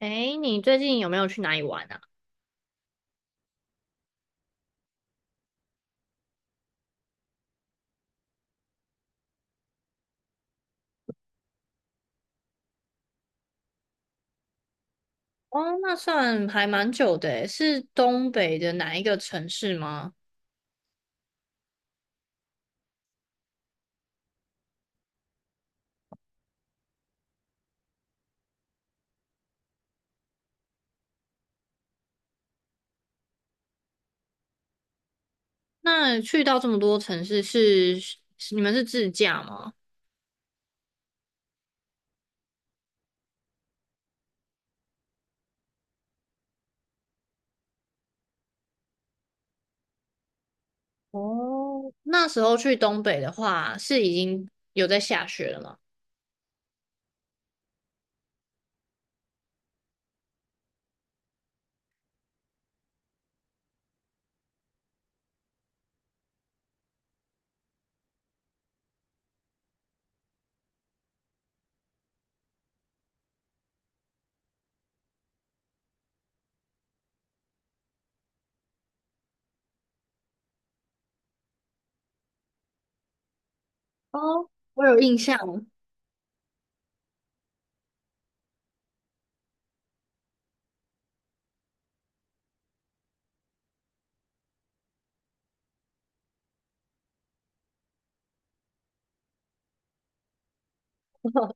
哎，你最近有没有去哪里玩啊？哦，那算还蛮久的诶，是东北的哪一个城市吗？那去到这么多城市是，是你们是自驾吗？哦，那时候去东北的话，是已经有在下雪了吗？哦，我有印象，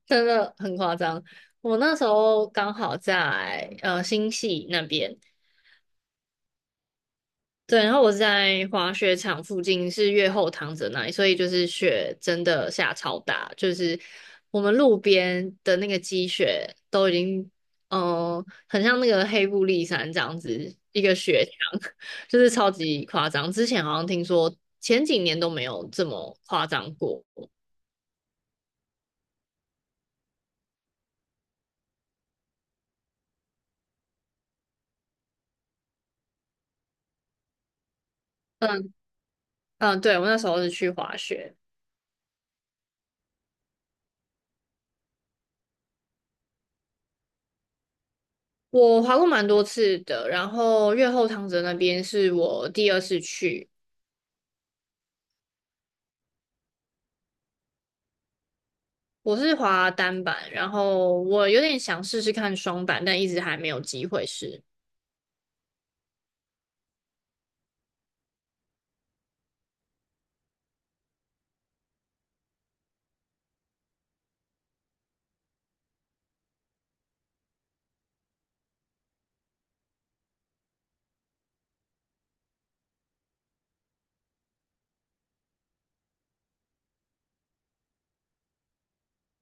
真的很夸张。我那时候刚好在呃新系那边，对，然后我是在滑雪场附近，是越后堂泽那里，所以就是雪真的下超大，就是我们路边的那个积雪都已经，嗯，很像那个黑布利山这样子一个雪墙，就是超级夸张。之前好像听说前几年都没有这么夸张过。嗯嗯，对，我那时候是去滑雪，我滑过蛮多次的，然后越后汤泽那边是我第二次去。我是滑单板，然后我有点想试试看双板，但一直还没有机会试。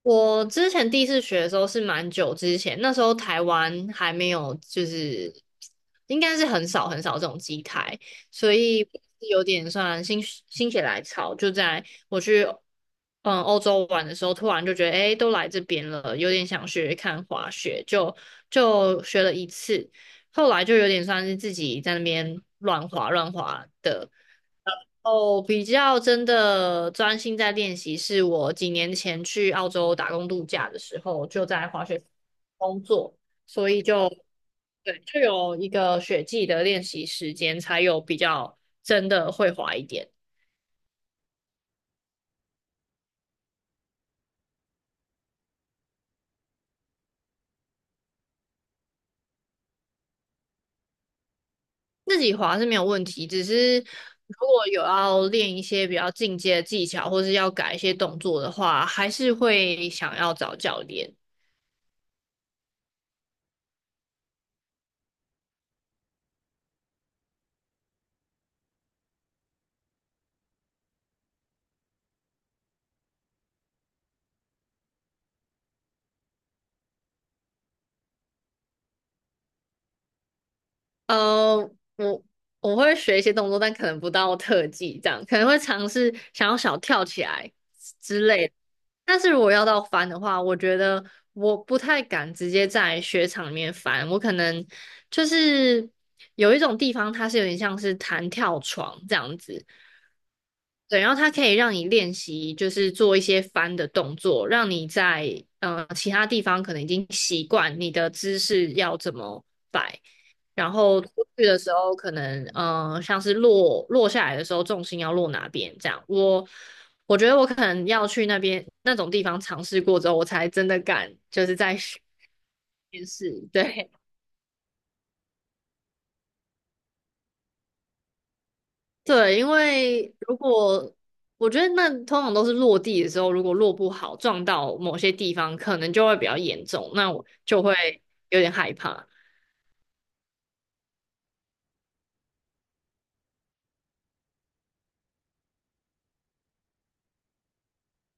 我之前第一次学的时候是蛮久之前，那时候台湾还没有，就是应该是很少很少这种机台，所以有点算心血来潮，就在我去嗯欧洲玩的时候，突然就觉得诶，都来这边了，有点想学看滑雪，就学了一次。后来就有点算是自己在那边乱滑乱滑的，哦，比较真的专心在练习，是我几年前去澳洲打工度假的时候，就在滑雪工作，所以就对，就有一个雪季的练习时间，才有比较真的会滑一点。自己滑是没有问题，只是如果有要练一些比较进阶的技巧，或是要改一些动作的话，还是会想要找教练。呃，我我会学一些动作，但可能不到特技这样，可能会尝试想要小跳起来之类的。但是如果要到翻的话，我觉得我不太敢直接在雪场里面翻，我可能就是有一种地方它是有点像是弹跳床这样子，对，然后它可以让你练习，就是做一些翻的动作，让你在呃其他地方可能已经习惯你的姿势要怎么摆。然后出去的时候，可能像是落下来的时候，重心要落哪边这样。我觉得我可能要去那边那种地方尝试过之后，我才真的敢就是在学面 试。对 对，因为如果我觉得那通常都是落地的时候，如果落不好撞到某些地方，可能就会比较严重，那我就会有点害怕。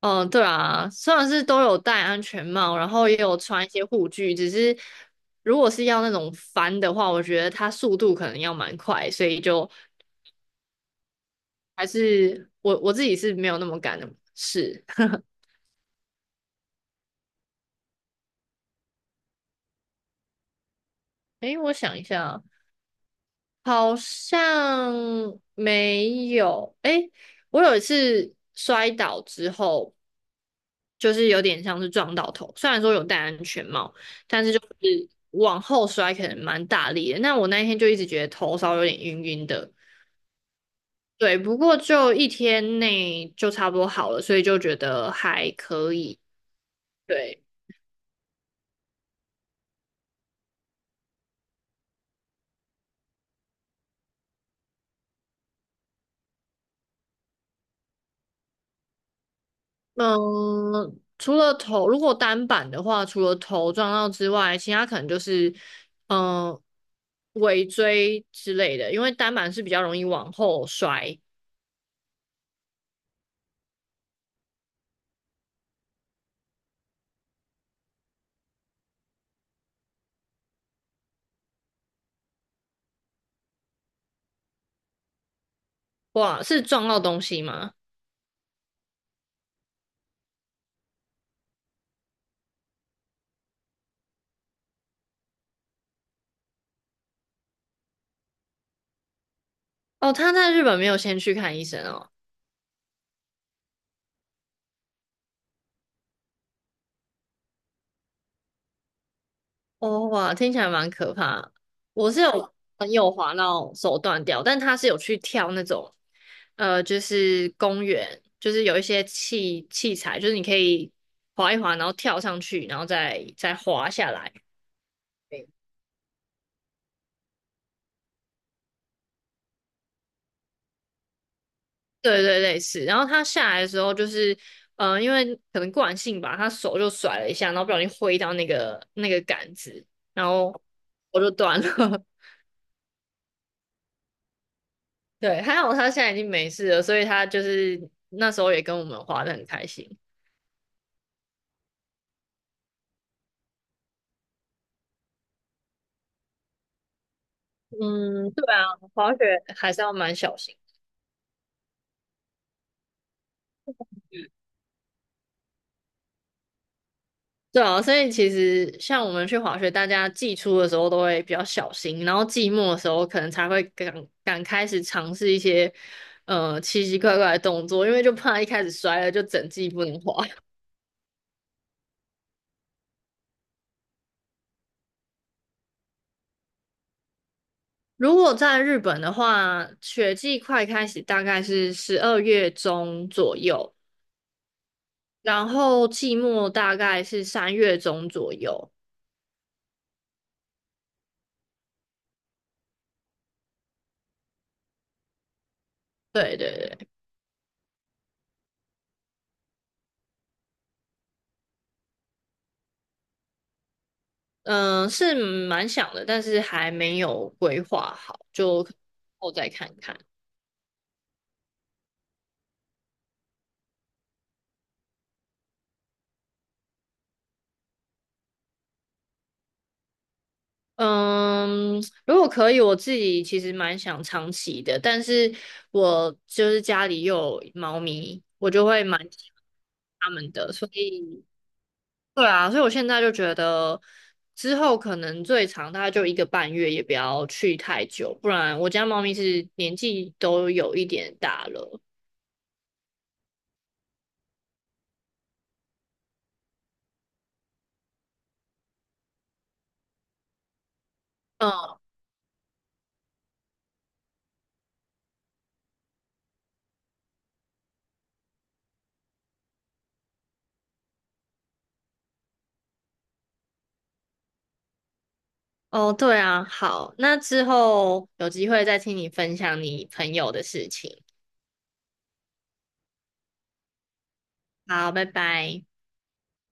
嗯，对啊，虽然是都有戴安全帽，然后也有穿一些护具，只是如果是要那种翻的话，我觉得它速度可能要蛮快，所以就还是我自己是没有那么敢的试。诶，我想一下啊，好像没有。诶，我有一次摔倒之后，就是有点像是撞到头，虽然说有戴安全帽，但是就是往后摔可能蛮大力的。那我那一天就一直觉得头稍微有点晕晕的，对，不过就一天内就差不多好了，所以就觉得还可以。对，嗯，除了头，如果单板的话，除了头撞到之外，其他可能就是嗯尾椎之类的，因为单板是比较容易往后摔。哇，是撞到东西吗？哦，他在日本没有先去看医生哦。哦，哇，听起来蛮可怕。我是有朋友滑到手断掉，但他是有去跳那种，呃，就是公园，就是有一些器材，就是你可以滑一滑，然后跳上去，然后再滑下来。对对对，类似。然后他下来的时候，就是，呃，因为可能惯性吧，他手就甩了一下，然后不小心挥到那个杆子，然后我就断了。对，还好他现在已经没事了，所以他就是那时候也跟我们滑得很开心。嗯，对啊，滑雪还是要蛮小心。对啊，所以其实像我们去滑雪，大家季初的时候都会比较小心，然后季末的时候可能才会敢开始尝试一些呃奇奇怪怪的动作，因为就怕一开始摔了就整季不能滑。如果在日本的话，雪季快开始大概是12月中左右。然后季末大概是3月中左右。对对对，嗯、是蛮想的，但是还没有规划好，就后再看看。嗯，如果可以，我自己其实蛮想长期的，但是我就是家里又有猫咪，我就会蛮喜欢它们的，所以对啊，所以我现在就觉得，之后可能最长大概就1个半月，也不要去太久，不然我家猫咪是年纪都有一点大了。嗯，哦，对啊，好，那之后有机会再听你分享你朋友的事情。好，拜拜。